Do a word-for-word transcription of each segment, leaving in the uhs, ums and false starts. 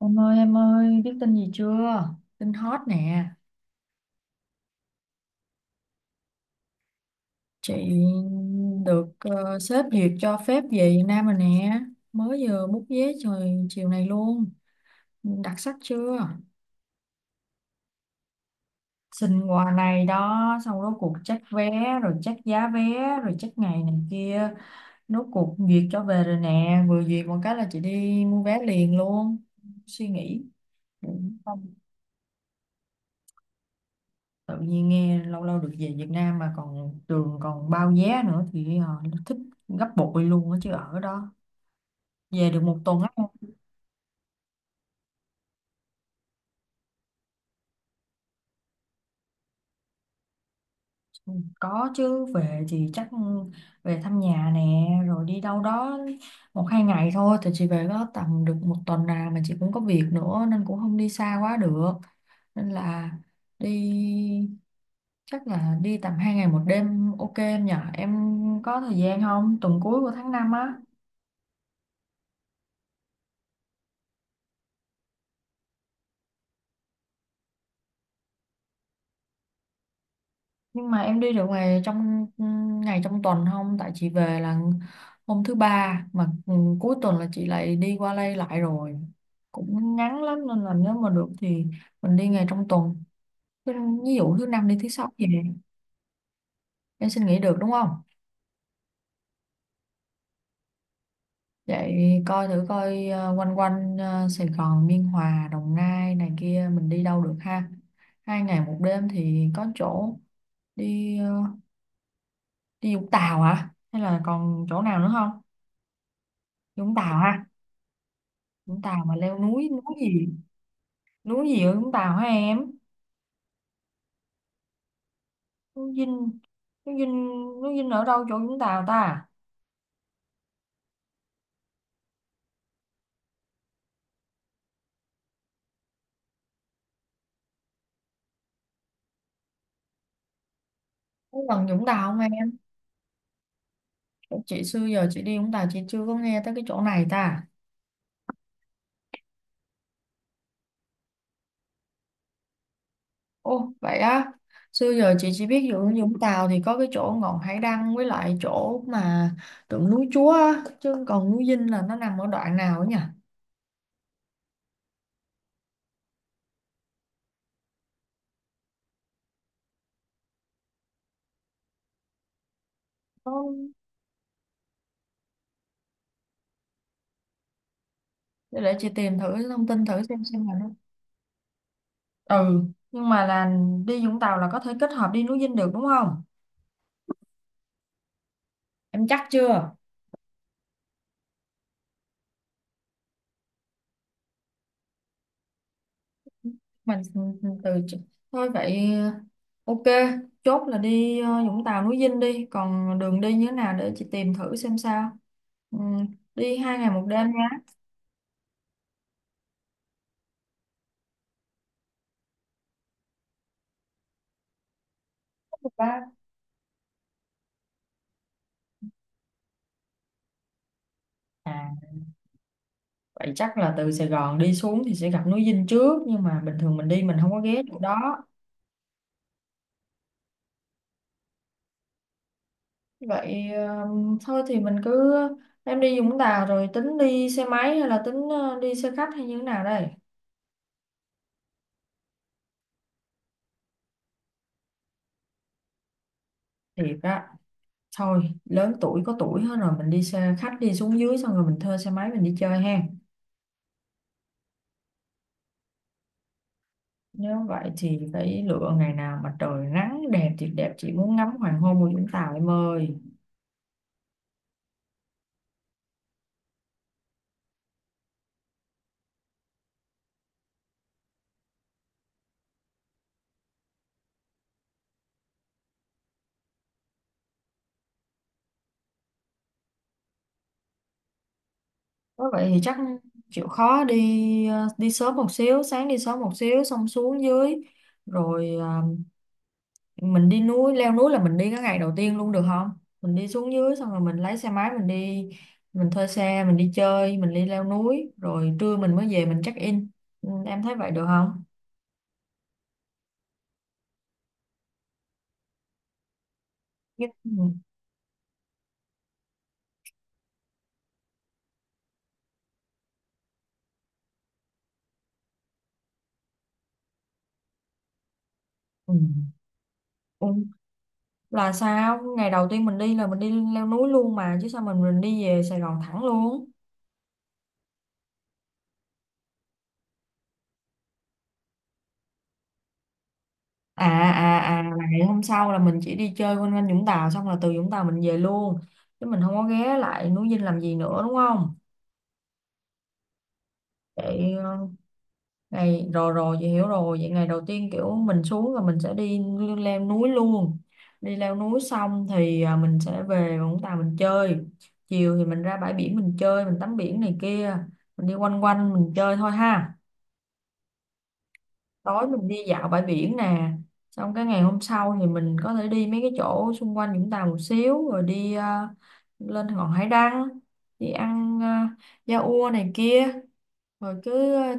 Em ơi em ơi, biết tin gì chưa? Tin hot nè. Chị được, ờ, sếp duyệt cho phép về Việt Nam rồi nè. Mới vừa bút vé, trời chiều này luôn. Đặc sắc chưa? Xin quà này đó. Xong rốt cuộc check vé, rồi check giá vé, rồi check ngày này kia. Rốt cuộc duyệt cho về rồi nè, vừa duyệt một cái là chị đi mua vé liền luôn, suy nghĩ. Tự nhiên nghe lâu lâu được về Việt Nam mà còn trường còn bao vé nữa thì, ờ, nó thích gấp bội luôn á chứ ở đó. Về được một tuần á. Có chứ, về thì chắc, ừ, về thăm nhà nè rồi đi đâu đó một hai ngày thôi, thì chị về có tầm được một tuần nào mà chị cũng có việc nữa nên cũng không đi xa quá được, nên là đi, chắc là đi tầm hai ngày một đêm, ok em nhở, em có thời gian không? Tuần cuối của tháng năm á. Nhưng mà em đi được ngày trong ừ, ngày trong tuần không? Tại chị về là hôm thứ ba mà, ừ, cuối tuần là chị lại đi qua đây lại rồi. Cũng ngắn lắm nên là nếu mà được thì mình đi ngày trong tuần. Thứ- Ví dụ thứ năm đi, thứ sáu gì nè, em xin nghỉ được đúng không? Vậy coi thử coi, ờ, quanh quanh, ờ, Sài Gòn, Biên Hòa, Đồng Nai này kia mình đi đâu được ha. Hai ngày một đêm thì có chỗ đi, ờ, đi Vũng Tàu hả? Hay là còn chỗ nào nữa không? Vũng Tàu ha. Vũng Tàu mà leo núi, núi gì? Núi gì ở Vũng Tàu hả em? Núi Dinh. Núi Dinh. Núi Dinh ở đâu chỗ Vũng Tàu ta? Có gần Vũng Tàu không em? Chị xưa giờ chị đi Vũng Tàu chị chưa có nghe tới cái chỗ này ta. Ô vậy á, xưa giờ chị chỉ biết Vũng Vũng Tàu thì có cái chỗ ngọn Hải Đăng với lại chỗ mà tượng núi Chúa á, chứ còn núi Dinh là nó nằm ở đoạn nào ấy nhỉ? Có- để để chị tìm thử thông tin thử xem xem là nó, ừ nhưng mà là đi Vũng Tàu là có thể kết hợp đi núi Dinh được đúng không? Em chắc chưa? Mình từ Thôi vậy, ok, chốt là đi, ờ, Vũng Tàu núi Dinh đi, còn đường đi như thế nào để chị tìm thử xem sao, ừ, đi hai ngày một đêm nhá. À, vậy chắc là từ Sài Gòn đi xuống thì sẽ gặp núi Dinh trước nhưng mà bình thường mình đi mình không có ghé chỗ đó. Vậy, ờ, thôi thì mình cứ, em đi Vũng Tàu rồi tính đi xe máy hay là tính, ờ, đi xe khách hay như thế nào đây? Thiệt á? Thôi lớn tuổi có tuổi hết rồi, mình đi xe khách đi xuống dưới xong rồi mình thuê xe máy mình đi chơi ha. Nếu vậy thì phải lựa ngày nào mà trời nắng đẹp thì đẹp, chị muốn ngắm hoàng hôn của Vũng Tàu em ơi. Nếu vậy thì chắc chịu khó đi, ờ, đi sớm một xíu, sáng đi sớm một xíu xong xuống dưới rồi, ờ, mình đi núi leo núi là mình đi cái ngày đầu tiên luôn được không? Mình đi xuống dưới xong rồi mình lấy xe máy mình đi, mình thuê xe mình đi chơi, mình đi leo núi rồi trưa mình mới về mình check in. Ừ, em thấy vậy được không? Nhưng- ừ, ừ, ừ. Là sao? Ngày đầu tiên mình đi là mình đi leo núi luôn mà, chứ sao mình mình đi về Sài Gòn thẳng luôn? À, à, à, là ngày hôm sau là mình chỉ đi chơi quanh quanh Vũng Tàu, xong là từ Vũng Tàu mình về luôn, chứ mình không có ghé lại núi Dinh làm gì nữa đúng không? Vậy, ờ, ngày rồi rồi chị hiểu rồi. Vậy ngày đầu tiên kiểu mình xuống là mình sẽ đi leo núi luôn, đi leo núi xong thì, à, mình sẽ về Vũng Tàu mình chơi. Chiều thì mình ra bãi biển mình chơi mình tắm biển này kia, mình đi quanh quanh mình chơi thôi ha. Tối mình đi dạo bãi biển nè. Xong cái ngày hôm sau thì mình có thể đi mấy cái chỗ xung quanh Vũng Tàu một xíu rồi đi, à, lên ngọn hải đăng, đi ăn, à, da ua này kia, rồi cứ, à,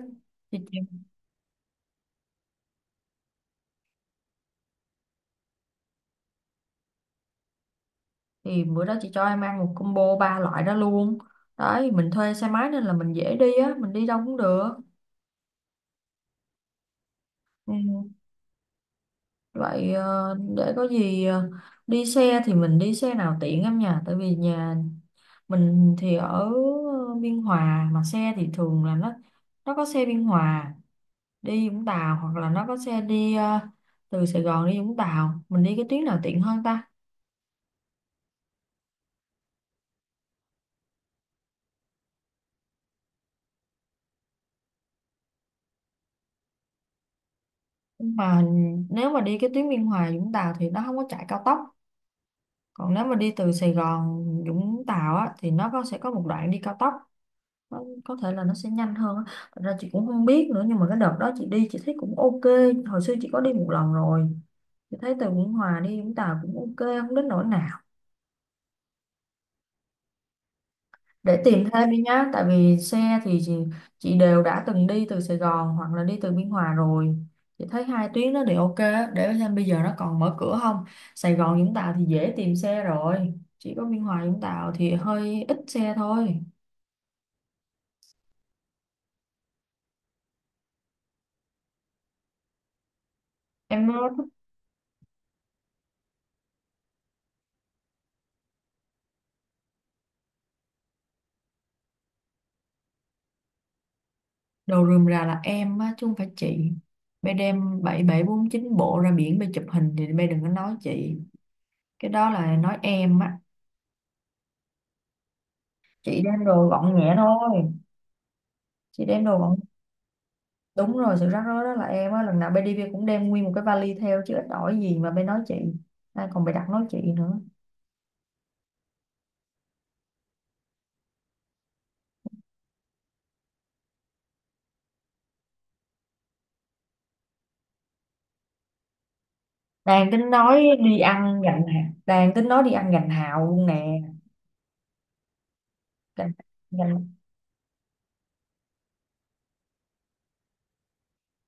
thì bữa đó chị cho em ăn một combo ba loại đó luôn. Đấy, mình thuê xe máy nên là mình dễ đi á, mình đi đâu cũng được. Ừ. Vậy, ờ, để có gì, ờ, đi xe thì mình đi xe nào tiện em nhỉ? Tại vì nhà mình thì ở Biên Hòa mà xe thì thường là nó nó có xe Biên Hòa đi Vũng Tàu hoặc là nó có xe đi, ờ, từ Sài Gòn đi Vũng Tàu, mình đi cái tuyến nào tiện hơn ta? Nhưng mà nếu mà đi cái tuyến Biên Hòa Vũng Tàu thì nó không có chạy cao tốc, còn nếu mà đi từ Sài Gòn Vũng Tàu á, thì nó có sẽ có một đoạn đi cao tốc, nó có thể là nó sẽ nhanh hơn á. Thật ra chị cũng không biết nữa nhưng mà cái đợt đó chị đi chị thấy cũng ok. Hồi xưa chị có đi một lần rồi, chị thấy từ Biên Hòa đi Vũng Tàu cũng ok, không đến nỗi nào. Để tìm thêm đi nhá, tại vì xe thì chị, chị đều đã từng đi từ Sài Gòn hoặc là đi từ Biên Hòa rồi. Chị thấy hai tuyến đó thì ok á, để xem bây giờ nó còn mở cửa không. Sài Gòn Vũng Tàu thì dễ tìm xe rồi, chỉ có Biên Hòa Vũng Tàu thì hơi ít xe thôi. Em nói thích. Đồ rườm rà là em á chứ không phải chị. Bay đem bảy bảy bốn chín bộ ra biển bay chụp hình thì bay đừng có nói chị. Cái đó là nói em á, chị đem đồ gọn nhẹ thôi, chị đem đồ gọn. Đúng rồi, sự rắc rối đó là em á, lần nào bên đi Bia cũng đem nguyên một cái vali theo chứ ít ỏi gì mà bé nói chị. À, còn bị đặt nói chị nữa. Đang tính nói đi ăn gành Hào- đang tính nói đi ăn gành hào luôn nè. Gành, gành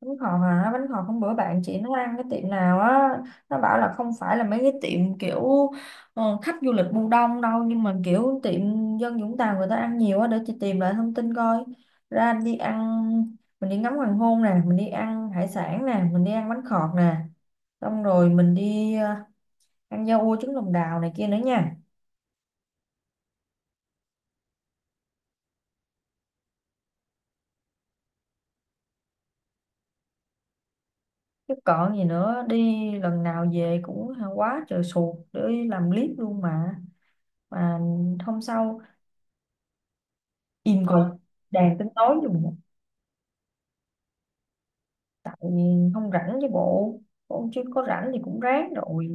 Bánh khọt hả? Bánh khọt hôm bữa bạn chị nó ăn cái tiệm nào á, nó bảo là không phải là mấy cái tiệm kiểu, ờ, khách du lịch bu đông đâu, nhưng mà kiểu tiệm dân Vũng Tàu người ta ăn nhiều á, để chị tìm lại thông tin coi. Ra đi ăn, mình đi ngắm hoàng hôn nè, mình đi ăn hải sản nè, mình đi ăn bánh khọt nè, xong rồi mình đi, ờ, ăn da ua trứng lòng đào này kia nữa nha. Chứ còn gì nữa. Đi lần nào về cũng quá trời sụt, để làm clip luôn mà. mà Hôm sau im coi. Đang tính tối giùm nè. Tại không rảnh chứ bộ, cũng chứ có rảnh thì cũng ráng rồi.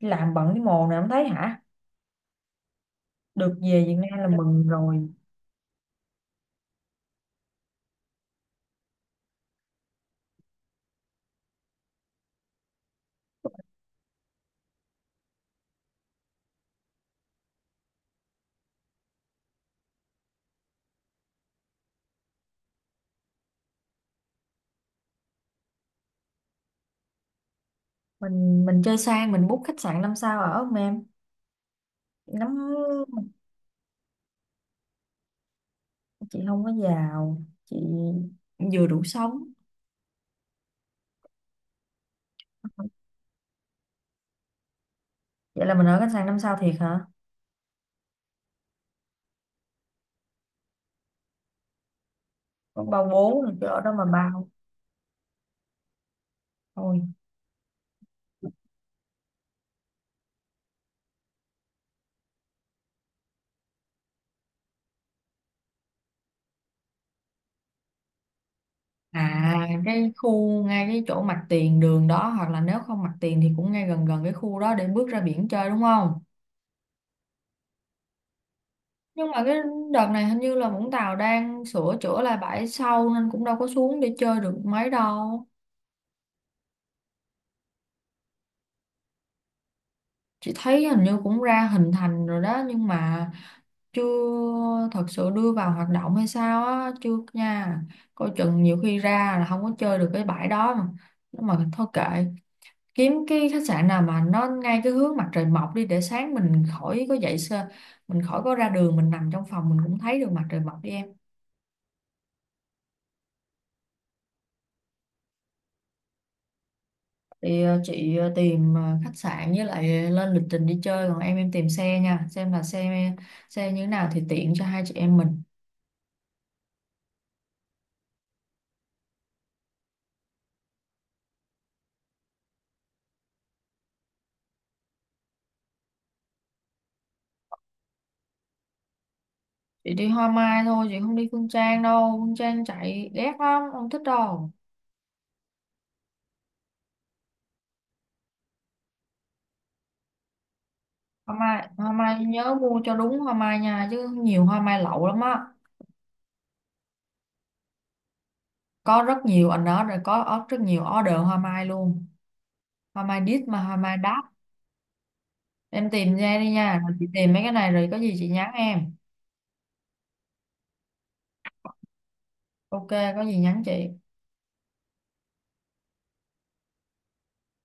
Đi làm bận cái mồ này không thấy hả? Được về Việt Nam là mừng rồi. Mình mình chơi sang, mình book khách sạn năm sao ở không em? Ngắm. Chị không có giàu, chị vừa đủ sống. Vậy là mình ở khách sạn năm sao thiệt hả? Không bao bố rồi chứ ở đó mà bao. Thôi. À, cái khu ngay cái chỗ mặt tiền đường đó hoặc là nếu không mặt tiền thì cũng ngay gần gần cái khu đó để bước ra biển chơi đúng không? Nhưng mà cái đợt này hình như là Vũng Tàu đang sửa chữa lại bãi sau nên cũng đâu có xuống để chơi được mấy đâu. Chị thấy hình như cũng ra hình thành rồi đó, nhưng mà chưa thật sự đưa vào hoạt động hay sao á, chưa nha. Coi chừng nhiều khi ra là không có chơi được cái bãi đó mà. Nhưng mà thôi kệ, kiếm cái khách sạn nào mà nó ngay cái hướng mặt trời mọc đi, để sáng mình khỏi có dậy sơ, mình khỏi có ra đường, mình nằm trong phòng mình cũng thấy được mặt trời mọc đi em. Thì, ờ, chị, ờ, tìm, ờ, khách sạn với lại lên lịch trình đi chơi, còn em em tìm xe nha, xem là xe xe như thế nào thì tiện cho hai chị em mình. Chị đi Hoa Mai thôi, chị không đi Phương Trang đâu, Phương Trang chạy ghét lắm, không thích đâu. Hoa Mai, Hoa Mai nhớ mua cho đúng Hoa Mai nha, chứ nhiều Hoa Mai lậu lắm á. Có rất nhiều anh đó, rồi có ó- rất nhiều order Hoa Mai luôn. Hoa Mai đít mà Hoa Mai đáp. Em tìm ra đi nha, rồi chị tìm mấy cái này, rồi có gì chị nhắn em. Ok, có gì nhắn chị.